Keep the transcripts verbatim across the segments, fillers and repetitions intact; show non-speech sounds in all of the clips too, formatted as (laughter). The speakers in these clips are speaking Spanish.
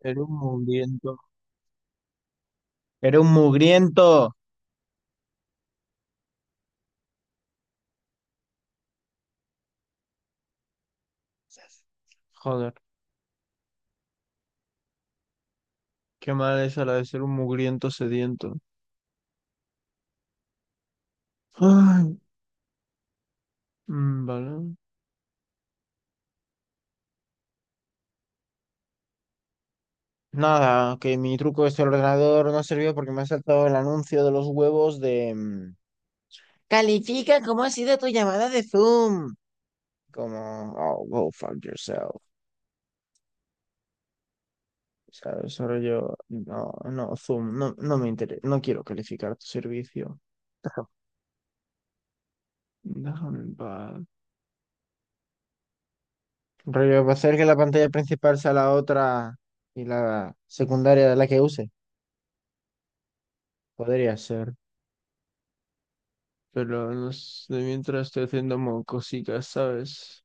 Era un mugriento. Era un mugriento. Joder, qué mal es la de ser un mugriento sediento. Ay, mm, vale. Nada, que mi truco este del ordenador no sirvió porque me ha saltado el anuncio de los huevos de... mm, Califica cómo ha sido tu llamada de Zoom. Como, oh, go fuck yourself. ¿Sabes? Solo yo, no, no, Zoom, no, no me interesa, no quiero calificar tu servicio. Déjame déjame en paz. Rollo, va a ser que la pantalla principal sea la otra y la secundaria de la que use. Podría ser. Pero no sé, mientras estoy haciendo mo- cositas, ¿sabes?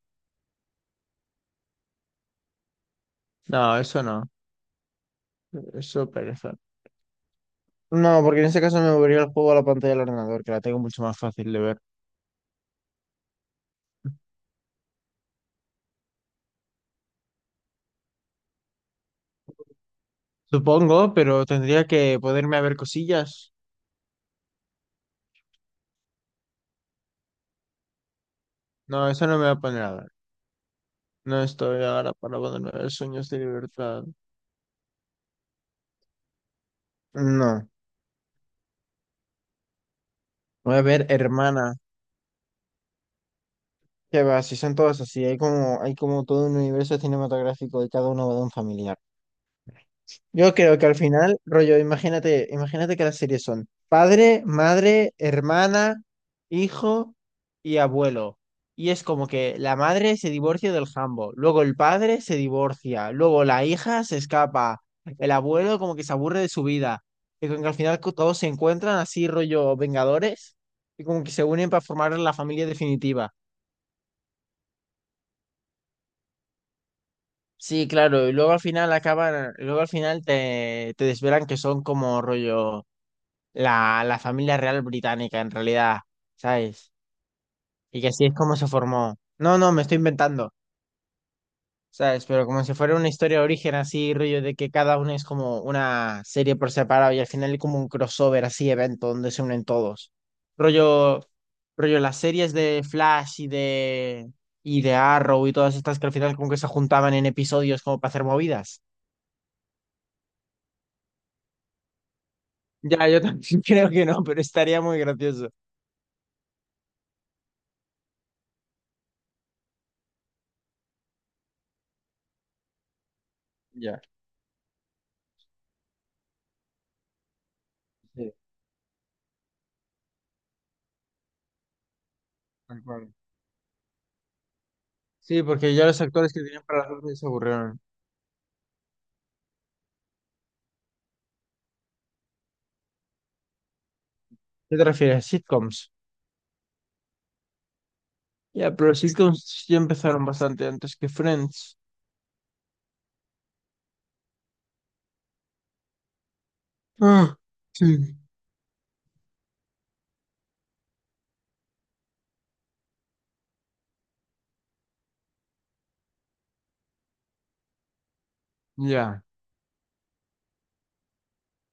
No, eso no. Eso pereza. No, porque en ese caso me movería el juego a la pantalla del ordenador, que la tengo mucho más fácil de ver. Supongo, pero tendría que poderme a ver cosillas. No, eso no me va a poner a ver. No estoy ahora para ponerme a ver sueños de libertad. No. Voy a ver, hermana. Que va, si son todos así, hay como, hay como todo un universo cinematográfico y cada uno va de un familiar. Yo creo que al final, rollo, imagínate, imagínate que las series son padre, madre, hermana, hijo y abuelo. Y es como que la madre se divorcia del jambo, luego el padre se divorcia, luego la hija se escapa, el abuelo como que se aburre de su vida. Y como que al final co- todos se encuentran así, rollo Vengadores, y como que se unen para formar la familia definitiva. Sí, claro, y luego al final acaban, luego al final te, te desvelan que son como rollo la, la familia real británica en realidad, ¿sabes? Y que así es como se formó. No, no, me estoy inventando, ¿sabes? Pero como si fuera una historia de origen así, rollo de que cada uno es como una serie por separado y al final hay como un crossover así, evento donde se unen todos. Rollo, rollo las series de Flash y de, y de Arrow y todas estas que al final como que se juntaban en episodios como para hacer movidas. Ya, yo también (laughs) creo que no, pero estaría muy gracioso. Ya, sí, tal cual. Sí, porque ya los actores que tenían para las dos se aburrieron. ¿Qué te refieres? Sitcoms. Ya, pero los sitcoms ya empezaron bastante antes que Friends. Ah, sí. Ya.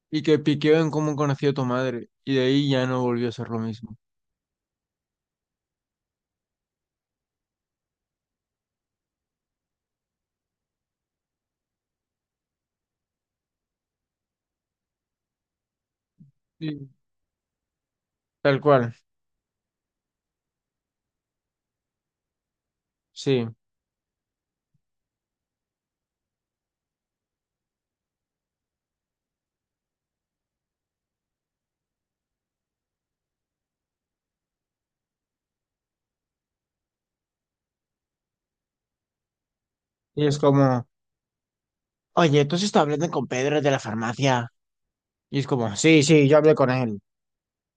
Y que piqueó en cómo conocí a tu madre. Y de ahí ya no volvió a ser lo mismo. Sí. Tal cual, sí. Y es como, oye, ¿tú has estado hablando con Pedro de la farmacia? Y es como, sí, sí, yo hablé con él.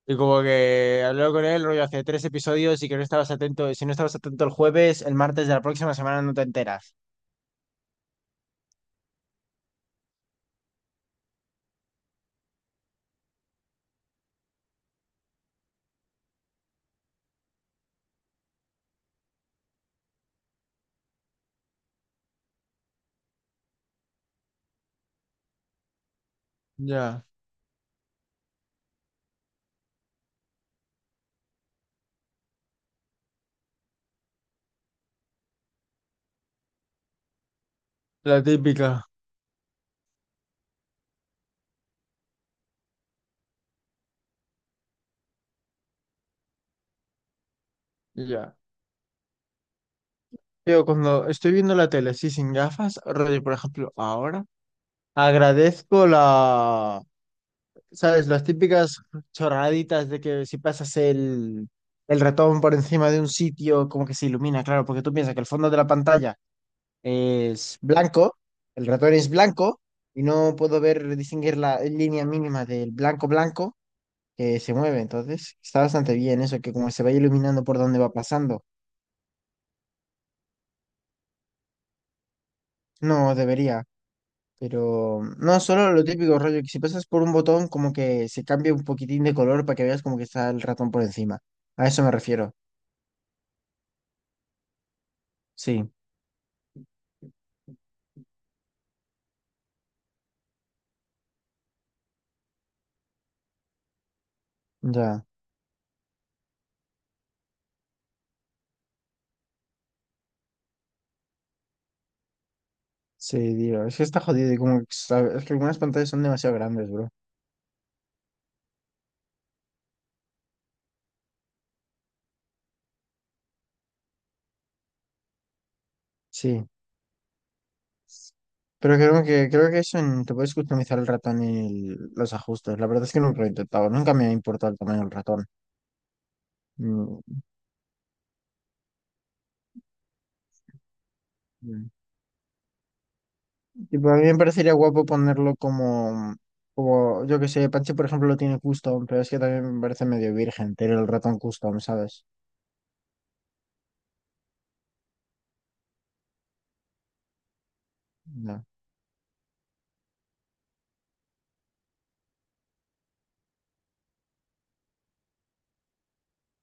Y como que hablaba con él, rollo, hace tres episodios y que no estabas atento. Si no estabas atento el jueves, el martes de la próxima semana no te enteras. Ya, la típica. Ya. Yo cuando estoy viendo la tele, sí, sin gafas, rollo, por ejemplo, ahora, agradezco la, ¿sabes? Las típicas chorraditas de que si pasas el, el ratón por encima de un sitio, como que se ilumina, claro, porque tú piensas que el fondo de la pantalla es blanco, el ratón es blanco y no puedo ver distinguir la línea mínima del blanco blanco que se mueve. Entonces, está bastante bien eso, que como se va iluminando por donde va pasando. No debería, pero no solo lo típico rollo, que si pasas por un botón como que se cambia un poquitín de color para que veas como que está el ratón por encima. A eso me refiero. Sí, ya. Sí, digo, es que está jodido y como que, sabe- es que algunas pantallas son demasiado grandes, bro. Sí. Pero creo que, creo que eso en- te puedes customizar el ratón y el- los ajustes. La verdad es que nunca lo he intentado, nunca me ha importado el tamaño del ratón. Mm, mm. Tipo, a mí me parecería guapo ponerlo como, como, yo que sé, Panche, por ejemplo, lo tiene custom, pero es que también me parece medio virgen tener el ratón custom, ¿sabes? No.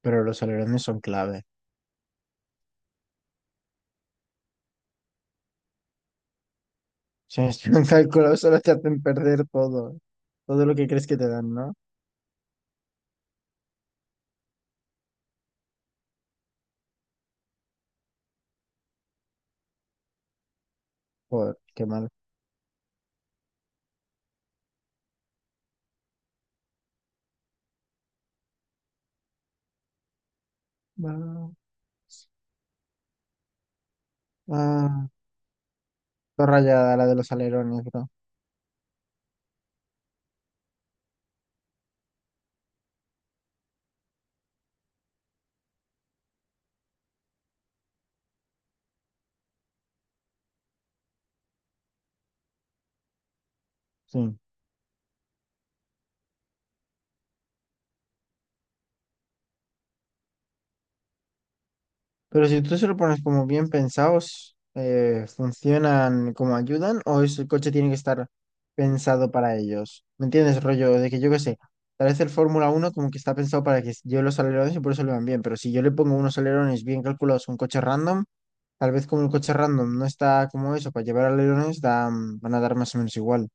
Pero los alerones son clave. (laughs) Si no están calculados, solo te hacen perder todo. Todo lo que crees que te dan, ¿no? Joder, qué mal. Ah, ah, todo rayada la de los alerones, bro. Sí. Pero si tú se lo pones como bien pensados, eh, ¿funcionan como ayudan o es- el coche tiene que estar pensado para ellos? ¿Me entiendes, rollo? De que yo qué sé, tal vez el Fórmula uno como que está pensado para que lleve los alerones y por eso le van bien, pero si yo le pongo unos alerones bien calculados a un coche random, tal vez como el coche random no está como eso, para llevar alerones da, mm, van a dar más o menos igual.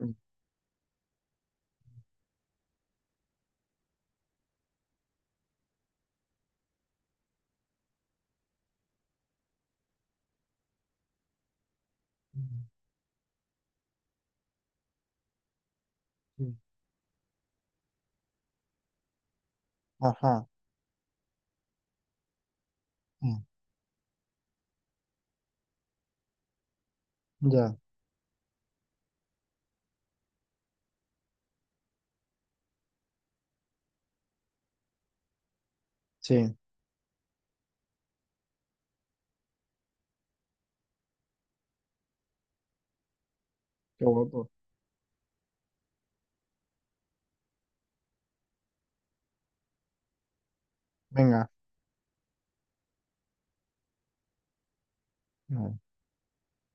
Mm, mm, mm. Ajá, mm, ya, sí, qué guapo. Venga.